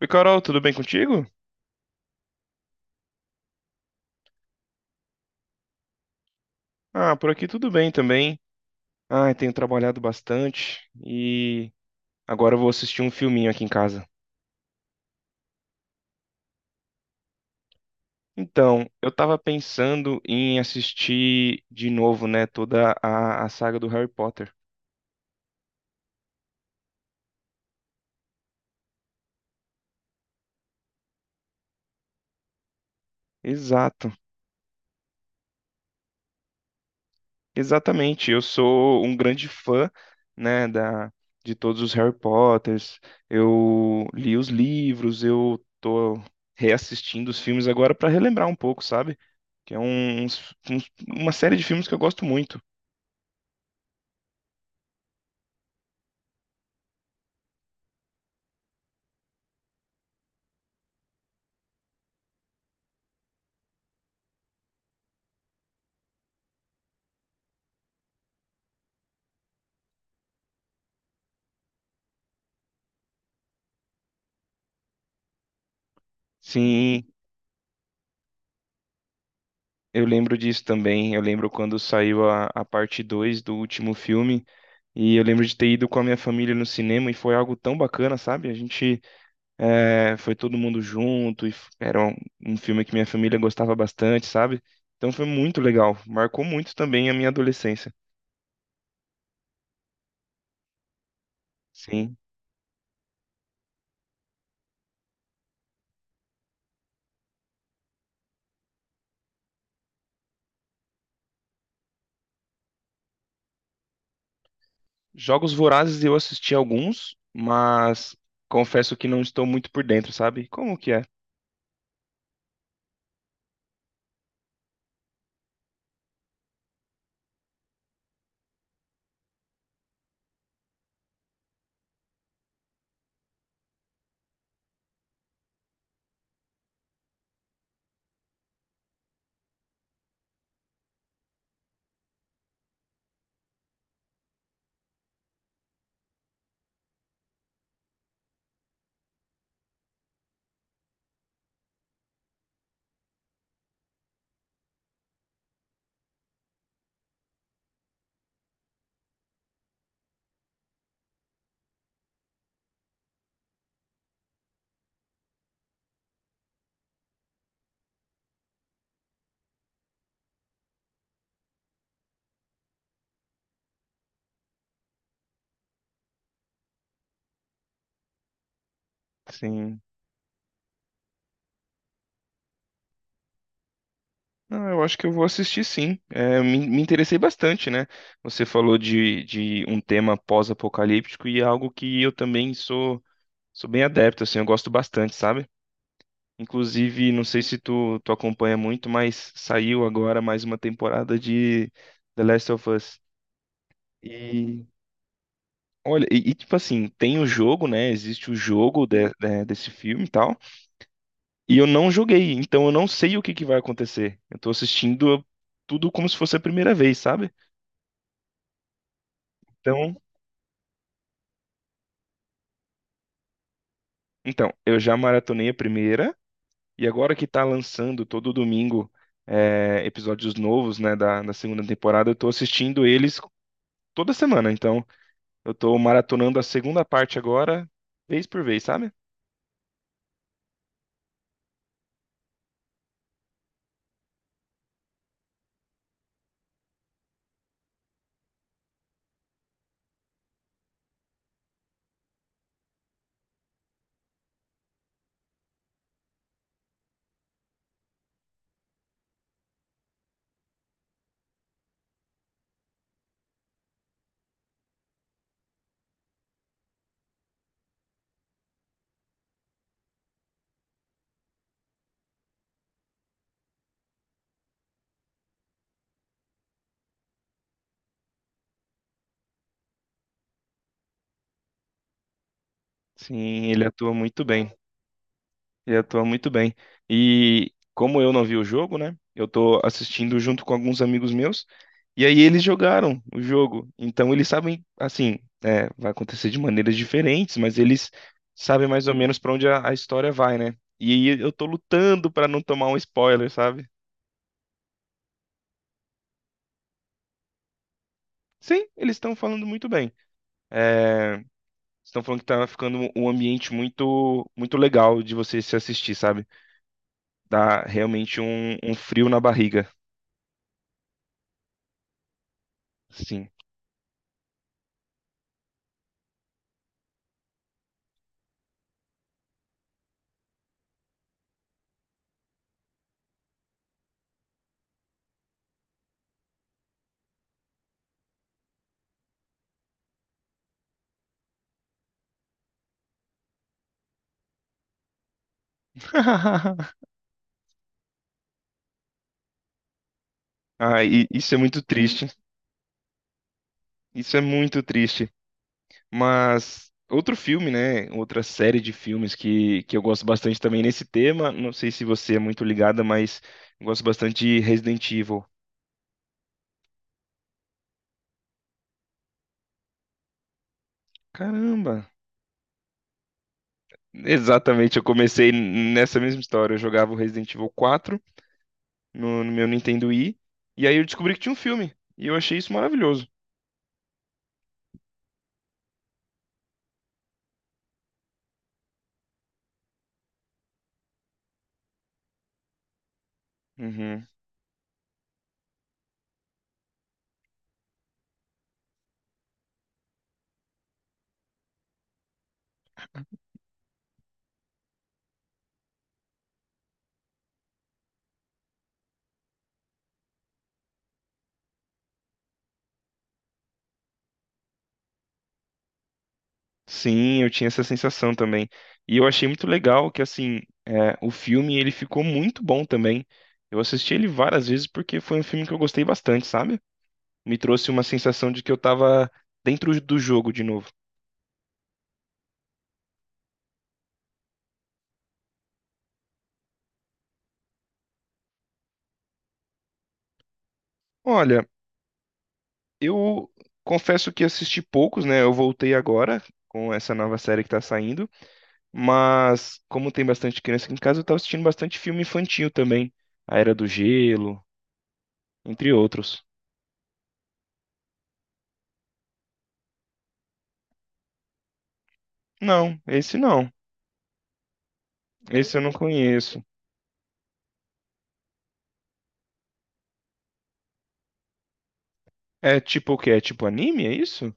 Oi, Carol, tudo bem contigo? Ah, por aqui tudo bem também. Ah, tenho trabalhado bastante e agora eu vou assistir um filminho aqui em casa. Então, eu tava pensando em assistir de novo, né, toda a saga do Harry Potter. Exato, exatamente. Eu sou um grande fã, né, de todos os Harry Potters. Eu li os livros, eu tô reassistindo os filmes agora para relembrar um pouco, sabe? Que é uma série de filmes que eu gosto muito. Sim, eu lembro disso também. Eu lembro quando saiu a parte 2 do último filme, e eu lembro de ter ido com a minha família no cinema, e foi algo tão bacana, sabe? A gente foi todo mundo junto, e era um filme que minha família gostava bastante, sabe? Então foi muito legal, marcou muito também a minha adolescência. Sim. Jogos Vorazes eu assisti alguns, mas confesso que não estou muito por dentro, sabe? Como que é? Sim. Não, eu acho que eu vou assistir sim. É, me interessei bastante, né? Você falou de um tema pós-apocalíptico e é algo que eu também sou bem adepto, assim, eu gosto bastante, sabe? Inclusive, não sei se tu acompanha muito, mas saiu agora mais uma temporada de The Last of Us. E olha, e, tipo assim, tem o jogo, né? Existe o jogo desse filme e tal. E eu não joguei, então eu não sei o que que vai acontecer. Eu tô assistindo tudo como se fosse a primeira vez, sabe? então Então, eu já maratonei a primeira, e agora que tá lançando todo domingo episódios novos, né, da segunda temporada, eu tô assistindo eles toda semana. Então, eu tô maratonando a segunda parte agora, vez por vez, sabe? Sim, ele atua muito bem. Ele atua muito bem. E como eu não vi o jogo, né? Eu tô assistindo junto com alguns amigos meus. E aí eles jogaram o jogo. Então eles sabem, assim, vai acontecer de maneiras diferentes, mas eles sabem mais ou menos pra onde a história vai, né? E aí eu tô lutando pra não tomar um spoiler, sabe? Sim, eles estão falando muito bem. É, estão falando que tá ficando um ambiente muito, muito legal de você se assistir, sabe? Dá realmente um frio na barriga. Sim. Ah, isso é muito triste. Isso é muito triste. Mas outro filme, né? Outra série de filmes que eu gosto bastante também nesse tema. Não sei se você é muito ligada, mas eu gosto bastante de Resident Evil. Caramba! Exatamente, eu comecei nessa mesma história. Eu jogava o Resident Evil 4 no meu Nintendo Wii, e aí eu descobri que tinha um filme. E eu achei isso maravilhoso. Uhum. Sim, eu tinha essa sensação também. E eu achei muito legal que, assim, o filme ele ficou muito bom também. Eu assisti ele várias vezes porque foi um filme que eu gostei bastante, sabe? Me trouxe uma sensação de que eu tava dentro do jogo de novo. Olha, eu confesso que assisti poucos, né? Eu voltei agora com essa nova série que tá saindo, mas como tem bastante criança aqui em casa, eu tava assistindo bastante filme infantil também. A Era do Gelo, entre outros. Não, esse não. Esse eu não conheço. É tipo o quê? É tipo anime, é isso?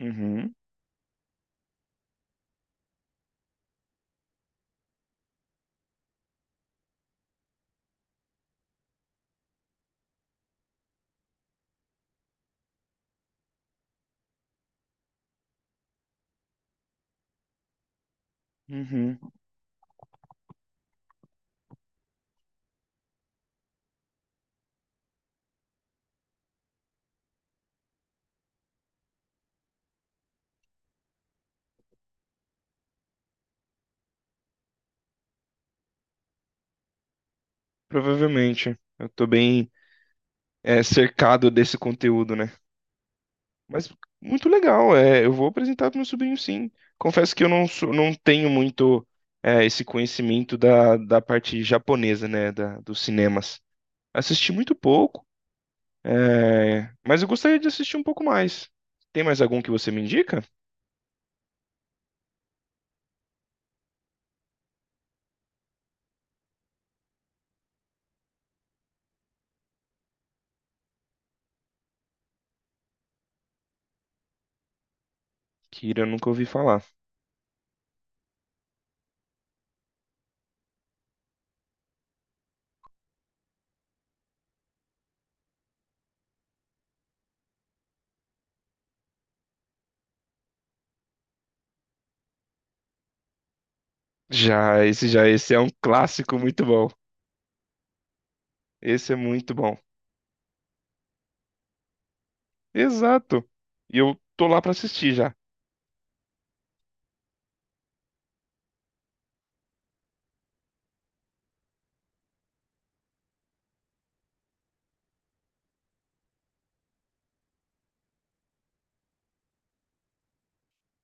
Uhum, uhum. Provavelmente. Eu tô bem cercado desse conteúdo, né? Mas muito legal. É, eu vou apresentar pro meu sobrinho, sim. Confesso que eu não, sou- não tenho muito esse conhecimento da parte japonesa, né? Dos cinemas. Assisti muito pouco, mas eu gostaria de assistir um pouco mais. Tem mais algum que você me indica? Kira, eu nunca ouvi falar. Já, esse é um clássico muito bom. Esse é muito bom. Exato. E eu tô lá pra assistir já.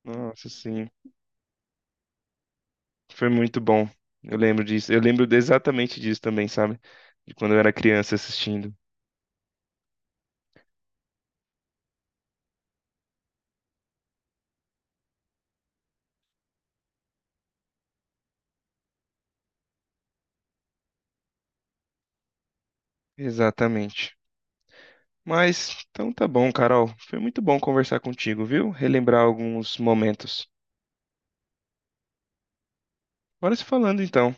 Nossa, sim, foi muito bom. Eu lembro disso. Eu lembro exatamente disso também, sabe? De quando eu era criança assistindo. Exatamente. Mas então tá bom, Carol. Foi muito bom conversar contigo, viu? Relembrar alguns momentos. Bora se falando então.